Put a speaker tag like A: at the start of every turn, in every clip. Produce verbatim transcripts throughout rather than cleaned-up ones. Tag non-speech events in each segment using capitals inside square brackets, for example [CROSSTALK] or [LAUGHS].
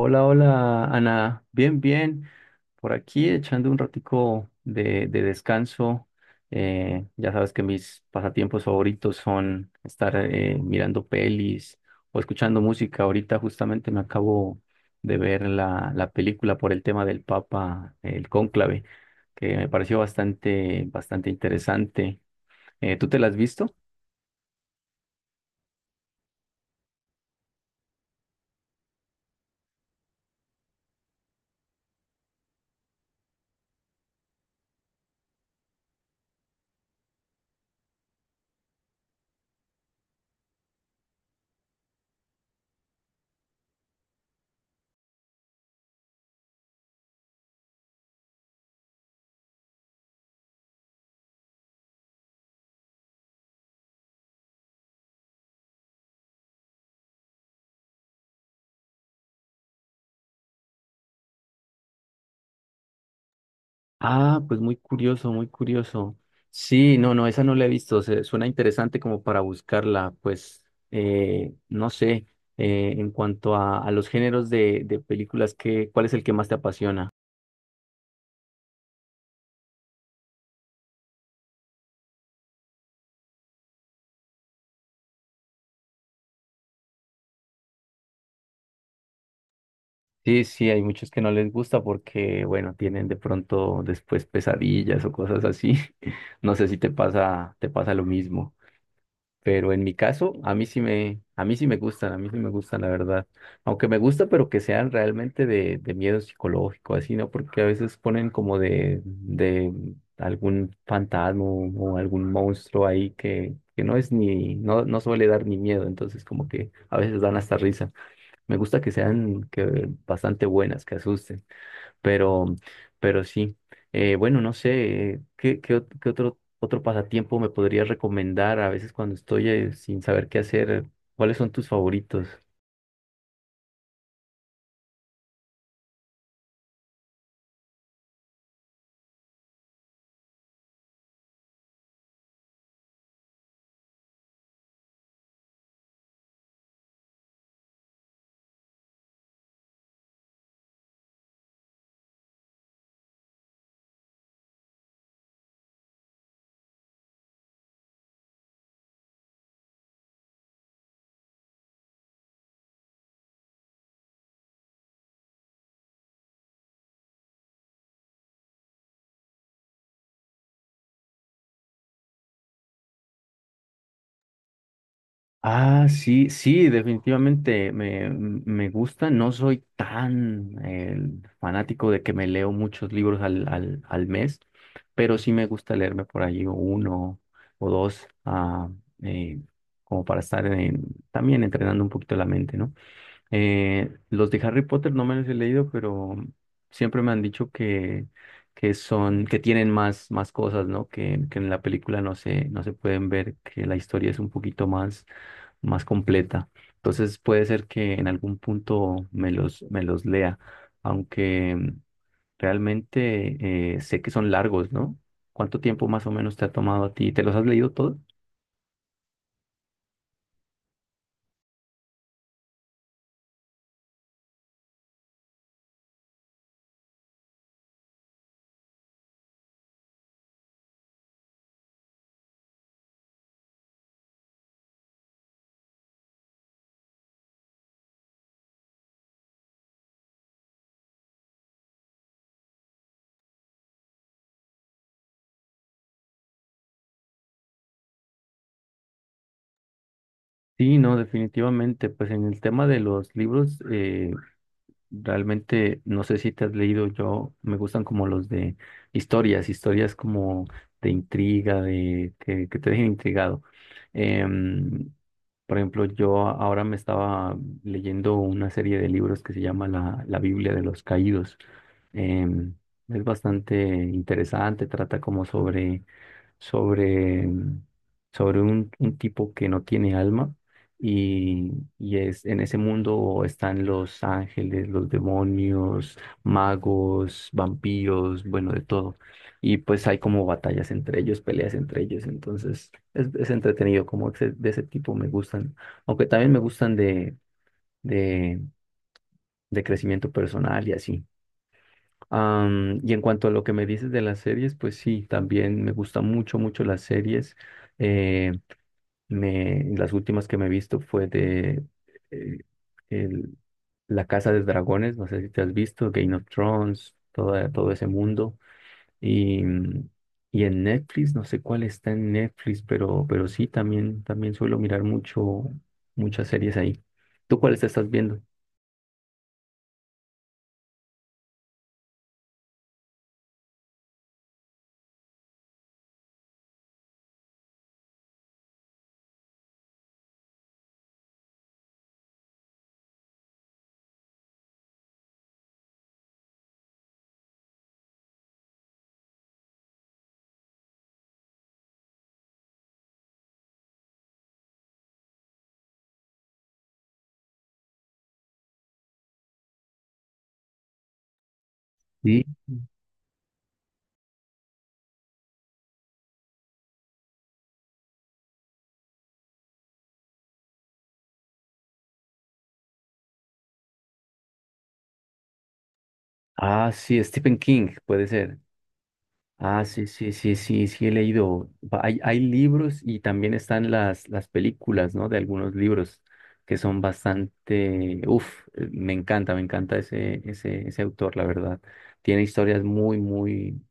A: Hola, hola, Ana. Bien, bien. Por aquí echando un ratico de, de descanso. Eh, ya sabes que mis pasatiempos favoritos son estar eh, mirando pelis o escuchando música. Ahorita justamente me acabo de ver la, la película por el tema del Papa, el Cónclave, que me pareció bastante, bastante interesante. Eh, ¿tú te la has visto? Ah, pues muy curioso, muy curioso. Sí, no, no, esa no la he visto. Se- suena interesante como para buscarla. Pues, eh, no sé, eh, en cuanto a, a los géneros de, de películas, ¿qué, ¿cuál es el que más te apasiona? Sí, sí, hay muchos que no les gusta porque, bueno, tienen de pronto después pesadillas o cosas así. [LAUGHS] No sé si te pasa, te pasa lo mismo. Pero en mi caso, a mí sí me, a mí sí me gustan, a mí sí me gustan, la verdad. Aunque me gusta, pero que sean realmente de, de miedo psicológico, así, ¿no? Porque a veces ponen como de, de algún fantasma o algún monstruo ahí que, que no es ni, no, no suele dar ni miedo, entonces como que a veces dan hasta risa. Me gusta que sean que, bastante buenas, que asusten. Pero, pero sí. Eh, bueno, no sé, ¿qué, qué, ot- qué otro, otro pasatiempo me podrías recomendar a veces cuando estoy eh, sin saber qué hacer? ¿Cuáles son tus favoritos? Ah, sí, sí, definitivamente me, me gusta. No soy tan eh, fanático de que me leo muchos libros al, al, al mes, pero sí me gusta leerme por allí uno o dos, ah, eh, como para estar en- también entrenando un poquito la mente, ¿no? Eh, los de Harry Potter no me los he leído, pero siempre me han dicho que, que son, que tienen más, más cosas, ¿no? Que, que en la película no se, no se pueden ver, que la historia es un poquito más, más completa. Entonces puede ser que en algún punto me los, me los lea, aunque mm, realmente eh, sé que son largos, ¿no? ¿Cuánto tiempo más o menos te ha tomado a ti? ¿Te los has leído todos? Sí, no, definitivamente. Pues en el tema de los libros, realmente, no sé si te has leído, yo me gustan como los de historias, historias como de intriga, de que, que te dejen intrigado. Em, por ejemplo, yo ahora me estaba leyendo una serie de libros que se llama La, la Biblia de los Caídos. Em, es bastante interesante, trata como sobre sobre, sobre un, un tipo que no tiene alma y, y es, en ese mundo están los ángeles, los demonios, magos, vampiros, bueno, de todo. Y pues hay como batallas entre ellos, peleas entre ellos, entonces es, es entretenido, como ese- de ese tipo me gustan, aunque también me gustan de, de, de crecimiento personal y así. Am, y en cuanto a lo que me dices de las series, pues sí, también me gustan mucho, mucho las series. Eh, me, las últimas que me he visto fue de eh, el- La Casa de Dragones, no sé si te has visto, Game of Thrones, toda todo ese mundo. Y, mm, y en Netflix, no sé cuál está en Netflix, pero, pero sí, también, también suelo mirar mucho, muchas series ahí. ¿Tú cuáles te estás viendo? Sí. Ah, sí, Stephen King, puede ser. Ah, sí, sí, sí, sí, sí he leído. Va- Hay, hay libros y también están las, las películas, ¿no? De algunos libros que son bastante, uf, eh, me encanta, me encanta ese, ese, ese autor, la verdad. Tiene historias muy, muy,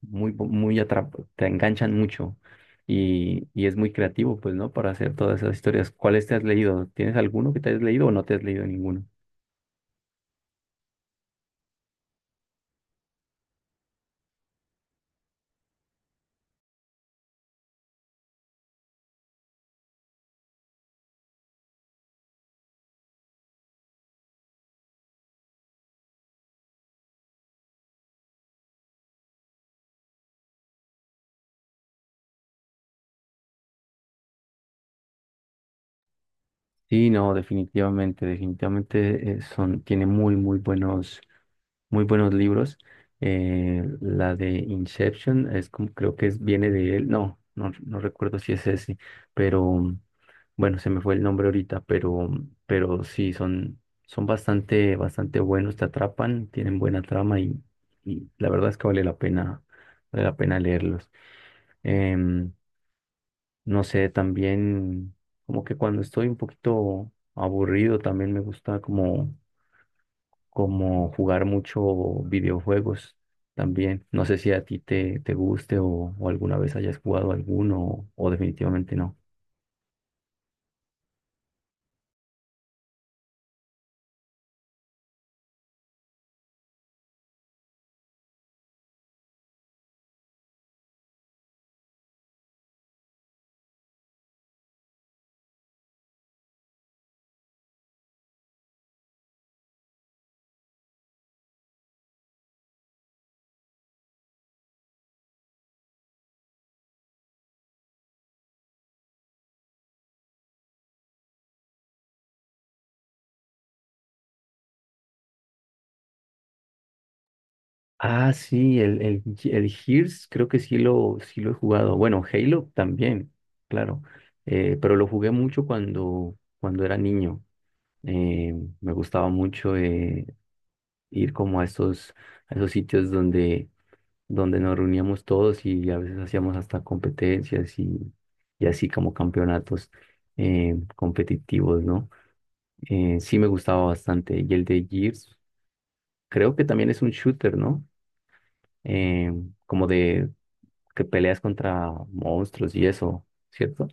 A: muy, bu- muy atrap, te enganchan mucho y, y es muy creativo, pues, ¿no? Para hacer todas esas historias. ¿Cuáles te has leído? ¿Tienes alguno que te has leído o no te has leído ninguno? Sí, no, definitivamente, definitivamente eh, son, tiene muy, muy buenos, muy buenos libros. Eh, la de Inception es como, creo que es, viene de él. No, no, no recuerdo si es ese, pero bueno, se me fue el nombre ahorita, pero, pero sí, son, son bastante, bastante buenos, te atrapan, tienen buena trama y, y la verdad es que vale la pena, vale la pena leerlos. Em, no sé, también como que cuando estoy un poquito aburrido, también me gusta como como jugar mucho videojuegos también. No sé si a ti te, te guste o, o alguna vez hayas jugado alguno o definitivamente no. Ah, sí, el, el, el Gears creo que sí lo, sí lo he jugado. Bueno, Halo también, claro. Eh, pero lo jugué mucho cuando, cuando era niño. Eh, me gustaba mucho eh, ir como a esos, a esos sitios donde donde nos reuníamos todos y a veces hacíamos hasta competencias y, y así como campeonatos eh, competitivos, ¿no? Eh, sí me gustaba bastante. Y el de Gears, creo que también es un shooter, ¿no? Eh, como de que peleas contra monstruos y eso, ¿cierto?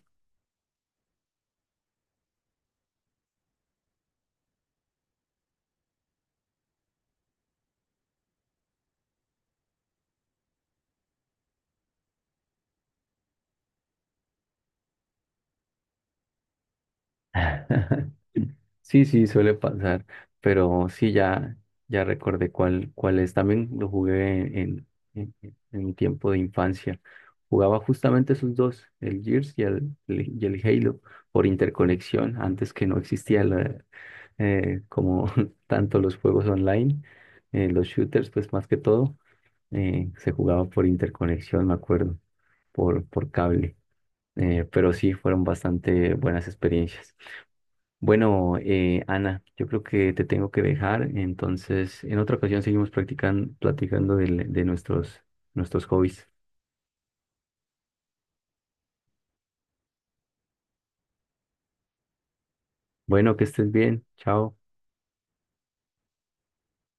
A: [LAUGHS] Sí, sí, suele pasar, pero sí, ya, ya recordé cuál, cuál es. También lo jugué en, en, en mi tiempo de infancia. Jugaba justamente esos dos, el Gears y el, y el Halo, por interconexión, antes que no existía la, eh, como [LAUGHS] tanto los juegos online, eh, los shooters, pues más que todo, eh, se jugaba por interconexión, me acuerdo, por, por cable. Eh, pero sí, fueron bastante buenas experiencias. Bueno, eh, Ana, yo creo que te tengo que dejar, entonces en otra ocasión seguimos practicando, platicando del- de, nuestros, nuestros hobbies. Bueno, que estés bien, chao.